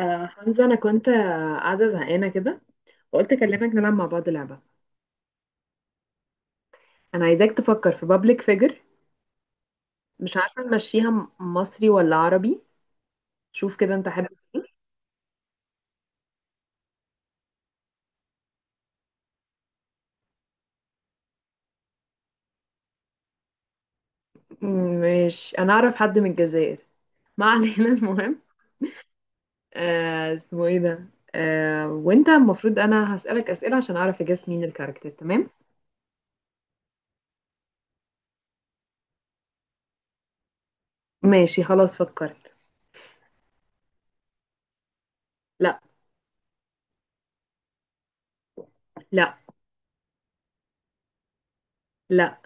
حمزة، أنا كنت قاعدة زهقانة كده. وقلت أكلمك نلعب مع بعض لعبة. أنا عايزاك تفكر في بابليك فيجر. مش عارفة نمشيها مصري ولا عربي. شوف كده أنت حابب إيه؟ مش أنا أعرف حد من الجزائر. ما علينا المهم. اسمه إيه ده؟ وأنت المفروض أنا هسألك أسئلة عشان أعرف أجاس مين الكاركتر. تمام. ماشي خلاص فكرت. لا. لا. لا.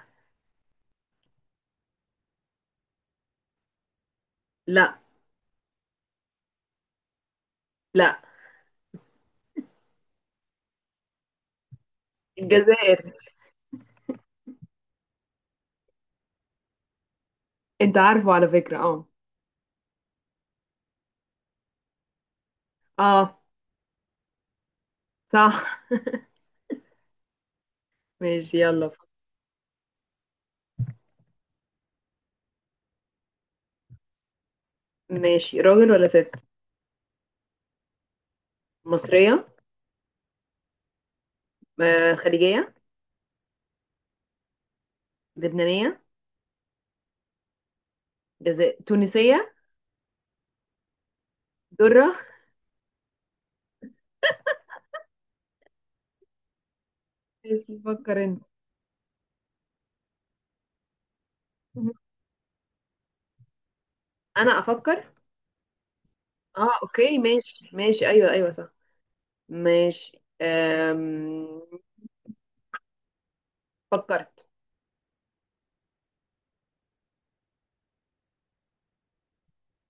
لا. لا. الجزائر. أنت عارفه على فكرة؟ أه. أه. صح. ماشي يلا. ماشي، راجل ولا ست؟ مصرية؟ خليجية؟ لبنانية؟ جزائر، تونسية؟ درة. ماشي فكر انت. انا افكر. اه اوكي، ماشي ماشي، ايوه ايوه، صح. ماشي فكرت.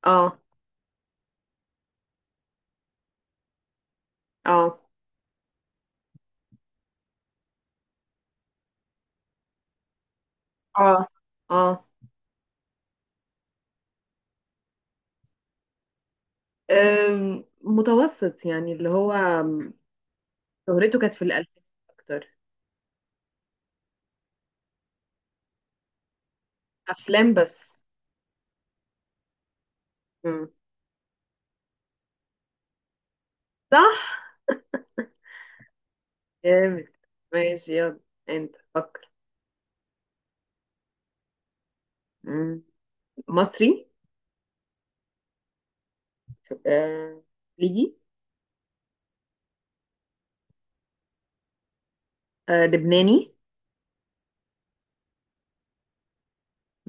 اه. اه. اه. اه. متوسط، يعني اللي هو. شهرته كانت في الألفينات اكتر. افلام بس. مم. صح. جامد. ماشي يلا، انت فكر. مم. مصري؟ آه، خليجي؟ لبناني؟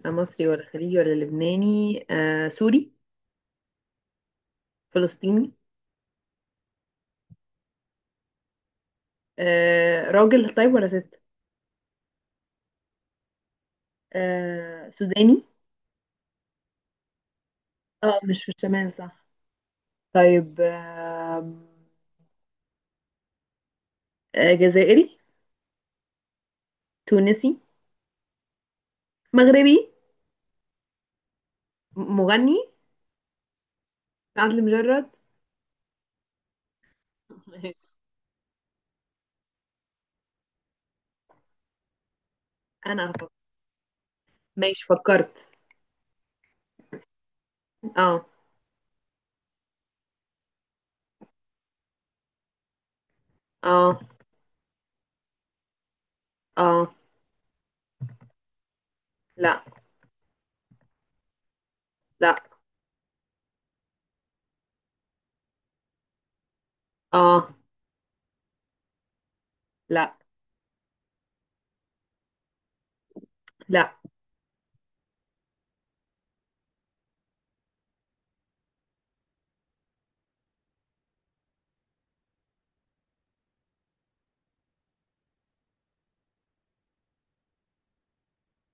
مصري ولا خليجي ولا لبناني، سوري؟ فلسطيني؟ راجل طيب ولا ست؟ سوداني؟ اه مش في الشمال، صح. طيب. جزائري؟ تونسي؟ مغربي؟ مغني؟ عدلي مجرد. ماشي، انا هفكر. ماشي فكرت. اه. اه. اه. لا. لا. اه. لا. لا.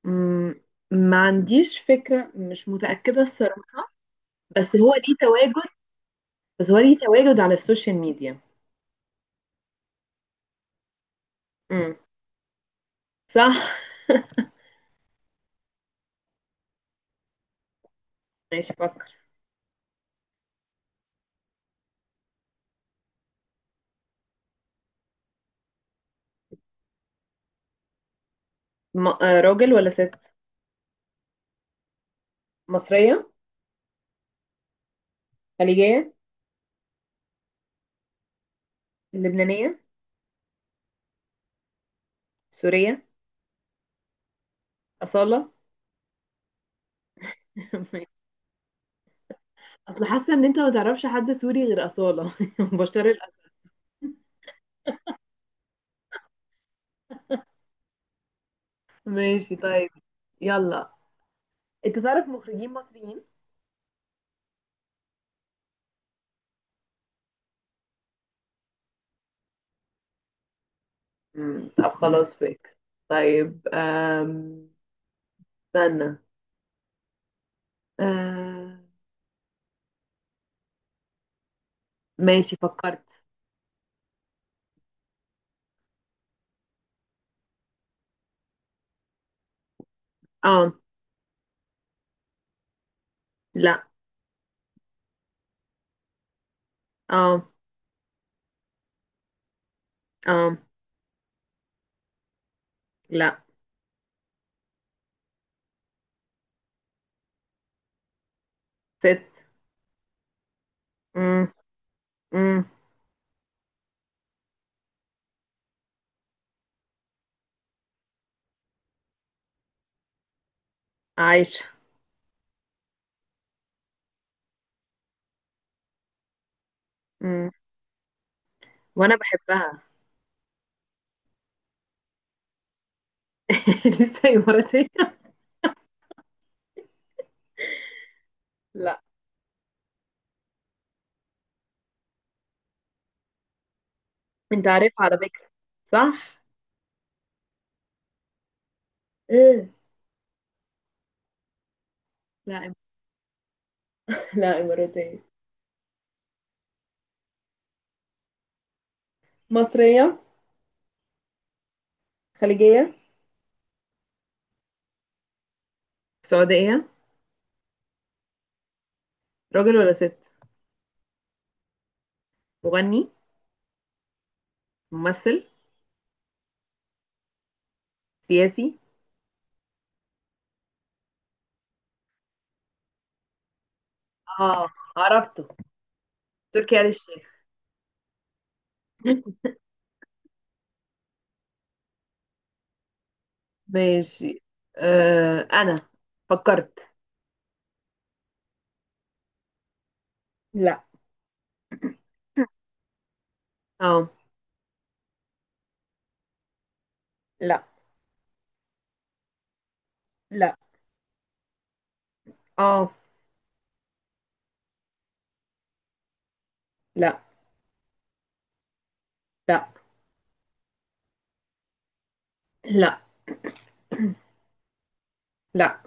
مم، ما عنديش فكرة، مش متأكدة الصراحة. بس هو ليه تواجد، بس هو ليه تواجد على السوشيال ميديا. امم. صح ماشي فكر. راجل ولا ست؟ مصرية؟ خليجية؟ لبنانية؟ سورية؟ أصالة أصل حاسة إن أنت ما تعرفش حد سوري غير أصالة بشار الأسد. ماشي طيب. يلا، أنت تعرف مخرجين مصريين؟ امم، طب خلاص فيك. طيب استنى أم... ماشي فكرت. اه. لا. اه. اه. لا. ست. امم. امم. عايشة. امم. وانا بحبها لسه اماراتية؟ لا. انت عارف على فكرة. صح. ايه. لا. لا، إماراتية. مصرية؟ خليجية؟ سعودية؟ راجل ولا ست؟ مغني؟ ممثل؟ سياسي؟ اه عرفته، تركي آل الشيخ. ماشي. انا فكرت. لا. اه. لا. لا. اه. لا. لا. لا. لا.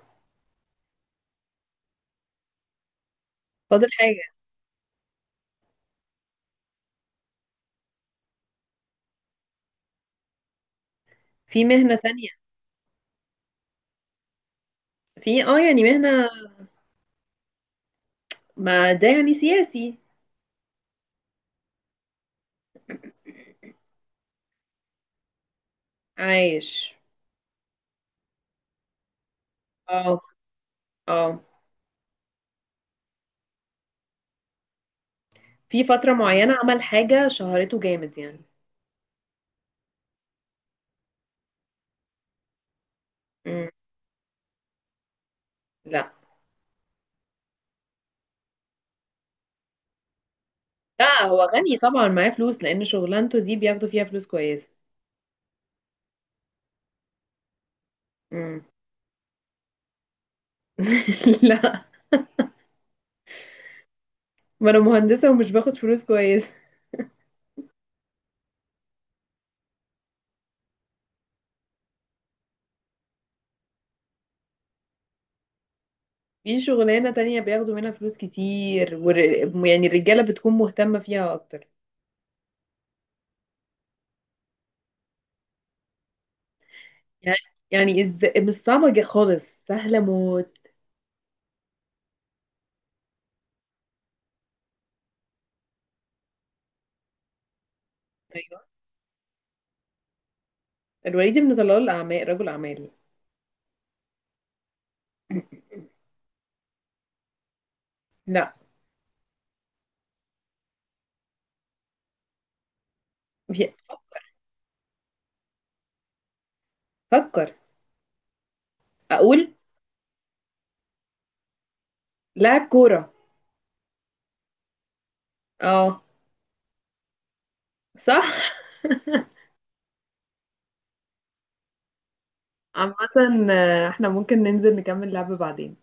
فاضل حاجة، في مهنة تانية. في يعني مهنة. ما ده يعني سياسي. عايش. اه. اه. في فترة معينة عمل حاجة شهرته جامد يعني. مم. لا. لا، هو غني طبعا، معاه فلوس لأن شغلانته دي بياخدوا فيها فلوس كويسة. مم. لا، ما أنا مهندسة ومش باخد فلوس كويسة. في شغلانة تانية بياخدوا منها فلوس كتير، يعني الرجالة بتكون مهتمة فيها أكتر. يعني يعني مش صعبة خالص، سهلة موت. أيوة. الوليد بن طلال، الأعمال، رجل أعمال. لا. هي- فكر، اقول. لاعب كورة. اه. صح عامة، احنا ممكن ننزل نكمل لعب بعدين.